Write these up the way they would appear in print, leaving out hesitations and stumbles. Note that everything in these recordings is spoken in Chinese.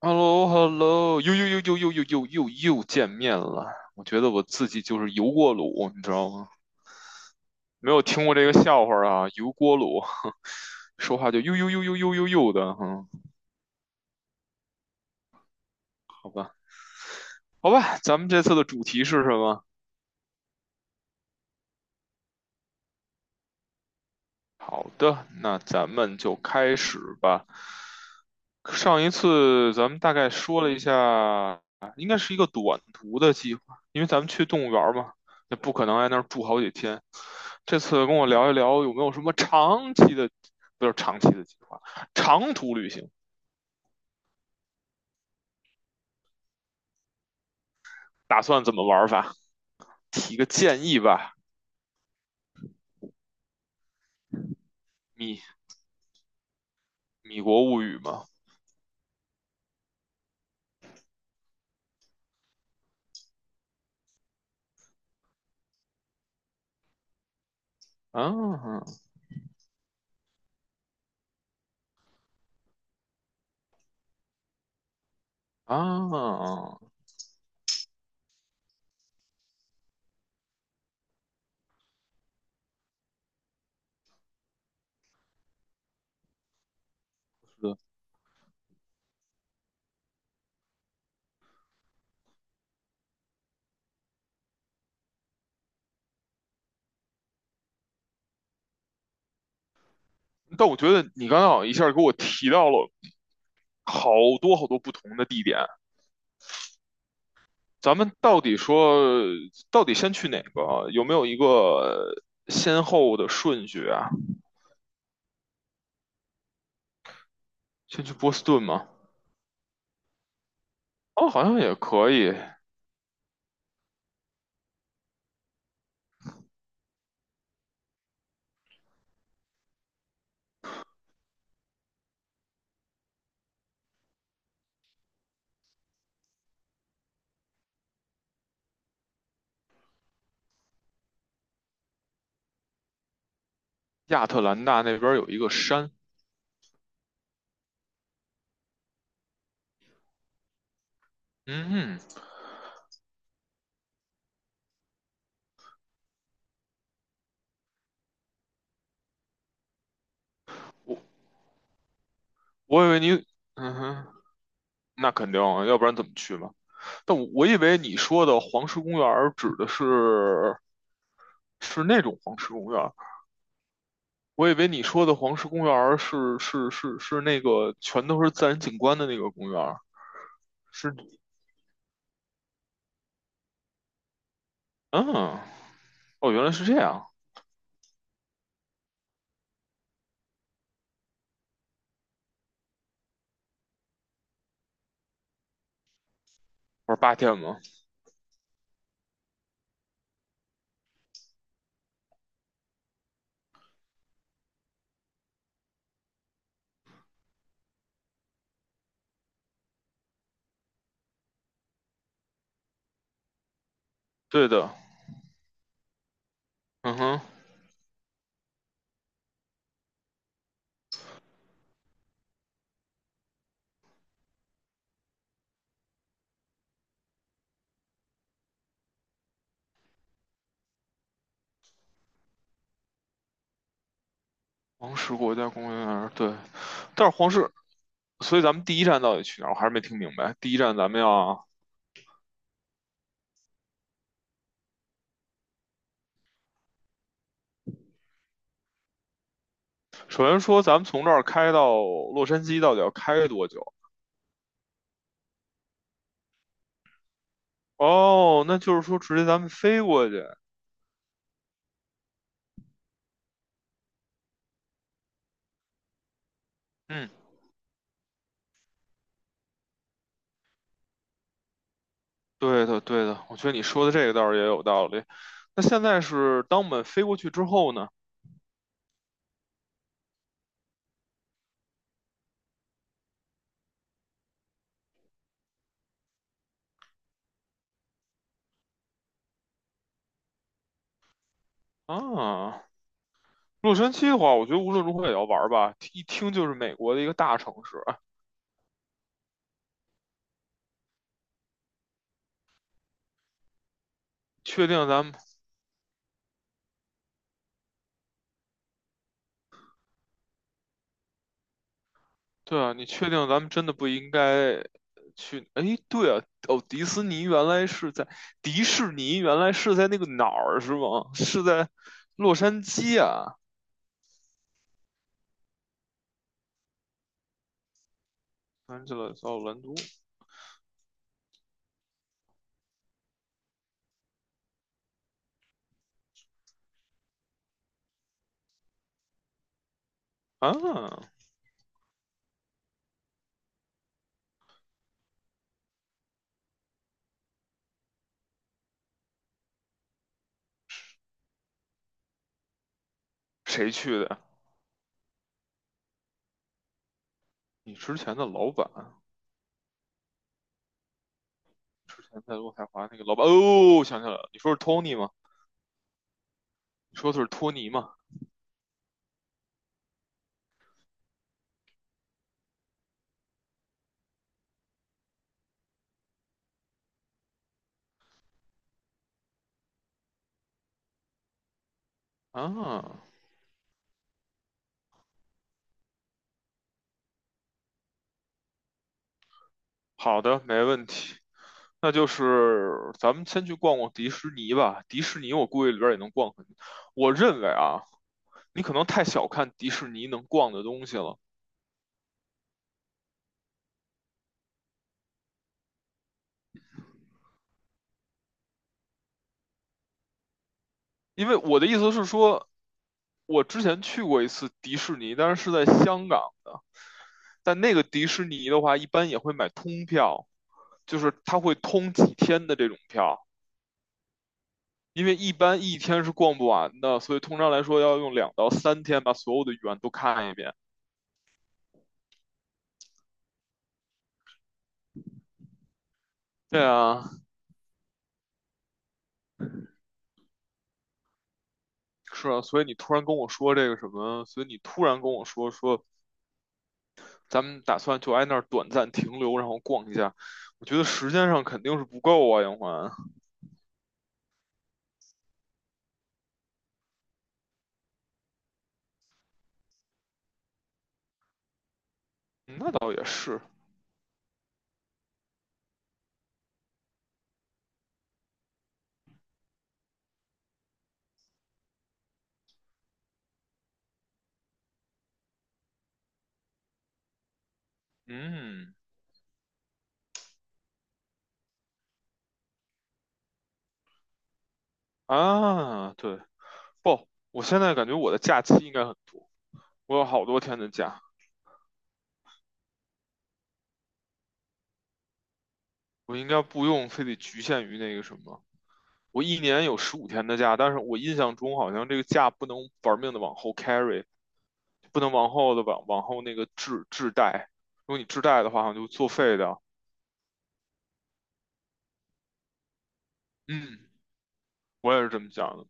h e l l o h e l l o 又又又又又又又又又见面了。我觉得我自己就是油锅炉，你知道吗？没有听过这个笑话啊，油锅炉，说话就又又又又又又又的，哼、好吧，咱们这次的主题是什么？好的，那咱们就开始吧。上一次咱们大概说了一下，应该是一个短途的计划，因为咱们去动物园儿嘛，那不可能在那儿住好几天。这次跟我聊一聊，有没有什么长期的，不是长期的计划，长途旅行，打算怎么玩儿法？提个建议吧。米米国物语嘛，啊啊，是的。但我觉得你刚刚好像一下给我提到了好多好多不同的地点。咱们到底说，到底先去哪个啊有没有一个先后的顺序啊？先去波士顿吗？哦，好像也可以。亚特兰大那边有一个山，嗯，我我以为你，嗯哼，那肯定啊，要不然怎么去嘛？但我以为你说的黄石公园儿指的是是那种黄石公园儿我以为你说的黄石公园儿是那个全都是自然景观的那个公园儿是嗯，哦，原来是这样，玩8天吗？对的，嗯哼，黄石国家公园，对，但是黄石，所以咱们第一站到底去哪儿？我还是没听明白。第一站咱们要，首先说咱们从这儿开到洛杉矶到底要开多久？哦，那就是说直接咱们飞过去。嗯，对的，对的，我觉得你说的这个倒是也有道理。那现在是当我们飞过去之后呢？啊，洛杉矶的话，我觉得无论如何也要玩儿吧，一听就是美国的一个大城市。确定咱们，对啊，你确定咱们真的不应该去？哎，对啊，哦，迪士尼原来是在那个哪儿是吗？是在洛杉矶啊，安吉拉奥兰多啊，谁去的？你之前的老板，之前在洛太华那个老板，哦，想起来了，你说是托尼吗？你说的是托尼吗？啊，好的，没问题。那就是咱们先去逛逛迪士尼吧，迪士尼我估计里边也能逛很我认为啊，你可能太小看迪士尼能逛的东西了。因为我的意思是说，我之前去过一次迪士尼，但是是在香港的。但那个迪士尼的话，一般也会买通票，就是它会通几天的这种票，因为一般一天是逛不完的，所以通常来说要用2到3天把所有的园都看一遍。对啊，是啊，所以你突然跟我说这个什么，所以你突然跟我说说咱们打算就挨那儿短暂停留，然后逛一下。我觉得时间上肯定是不够啊，杨环。那倒也是，嗯啊，对，不，我现在感觉我的假期应该很多，我有好多天的假，我应该不用非得局限于那个什么。我一年有15天的假，但是我印象中好像这个假不能玩命的往后 carry，不能往后那个滞带。如果你滞带的话，好像就作废的。嗯，我也是这么想的。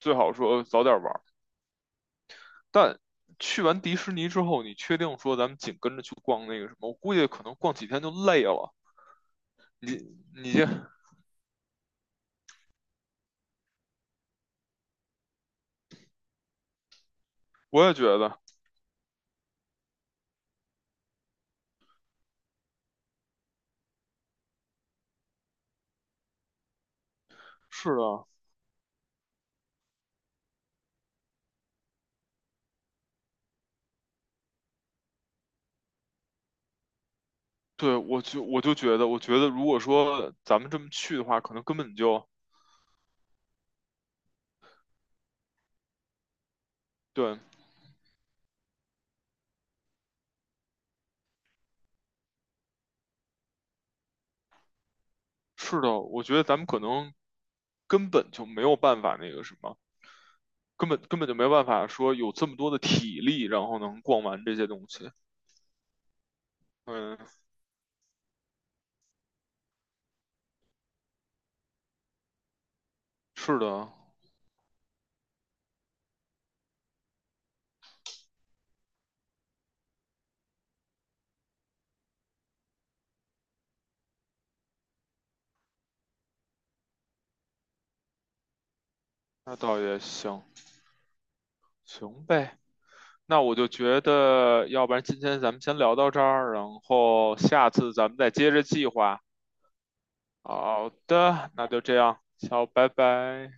最好说早点玩，但去完迪士尼之后，你确定说咱们紧跟着去逛那个什么？我估计可能逛几天就累了。你这我也觉得是的。对，我就觉得，我觉得如果说咱们这么去的话，可能根本就对，是的，我觉得咱们可能根本就没有办法那个什么，根本根本就没有办法说有这么多的体力，然后能逛完这些东西。嗯，是的，那倒也行，行呗。那我就觉得，要不然今天咱们先聊到这儿，然后下次咱们再接着计划。好的，那就这样，好，拜拜。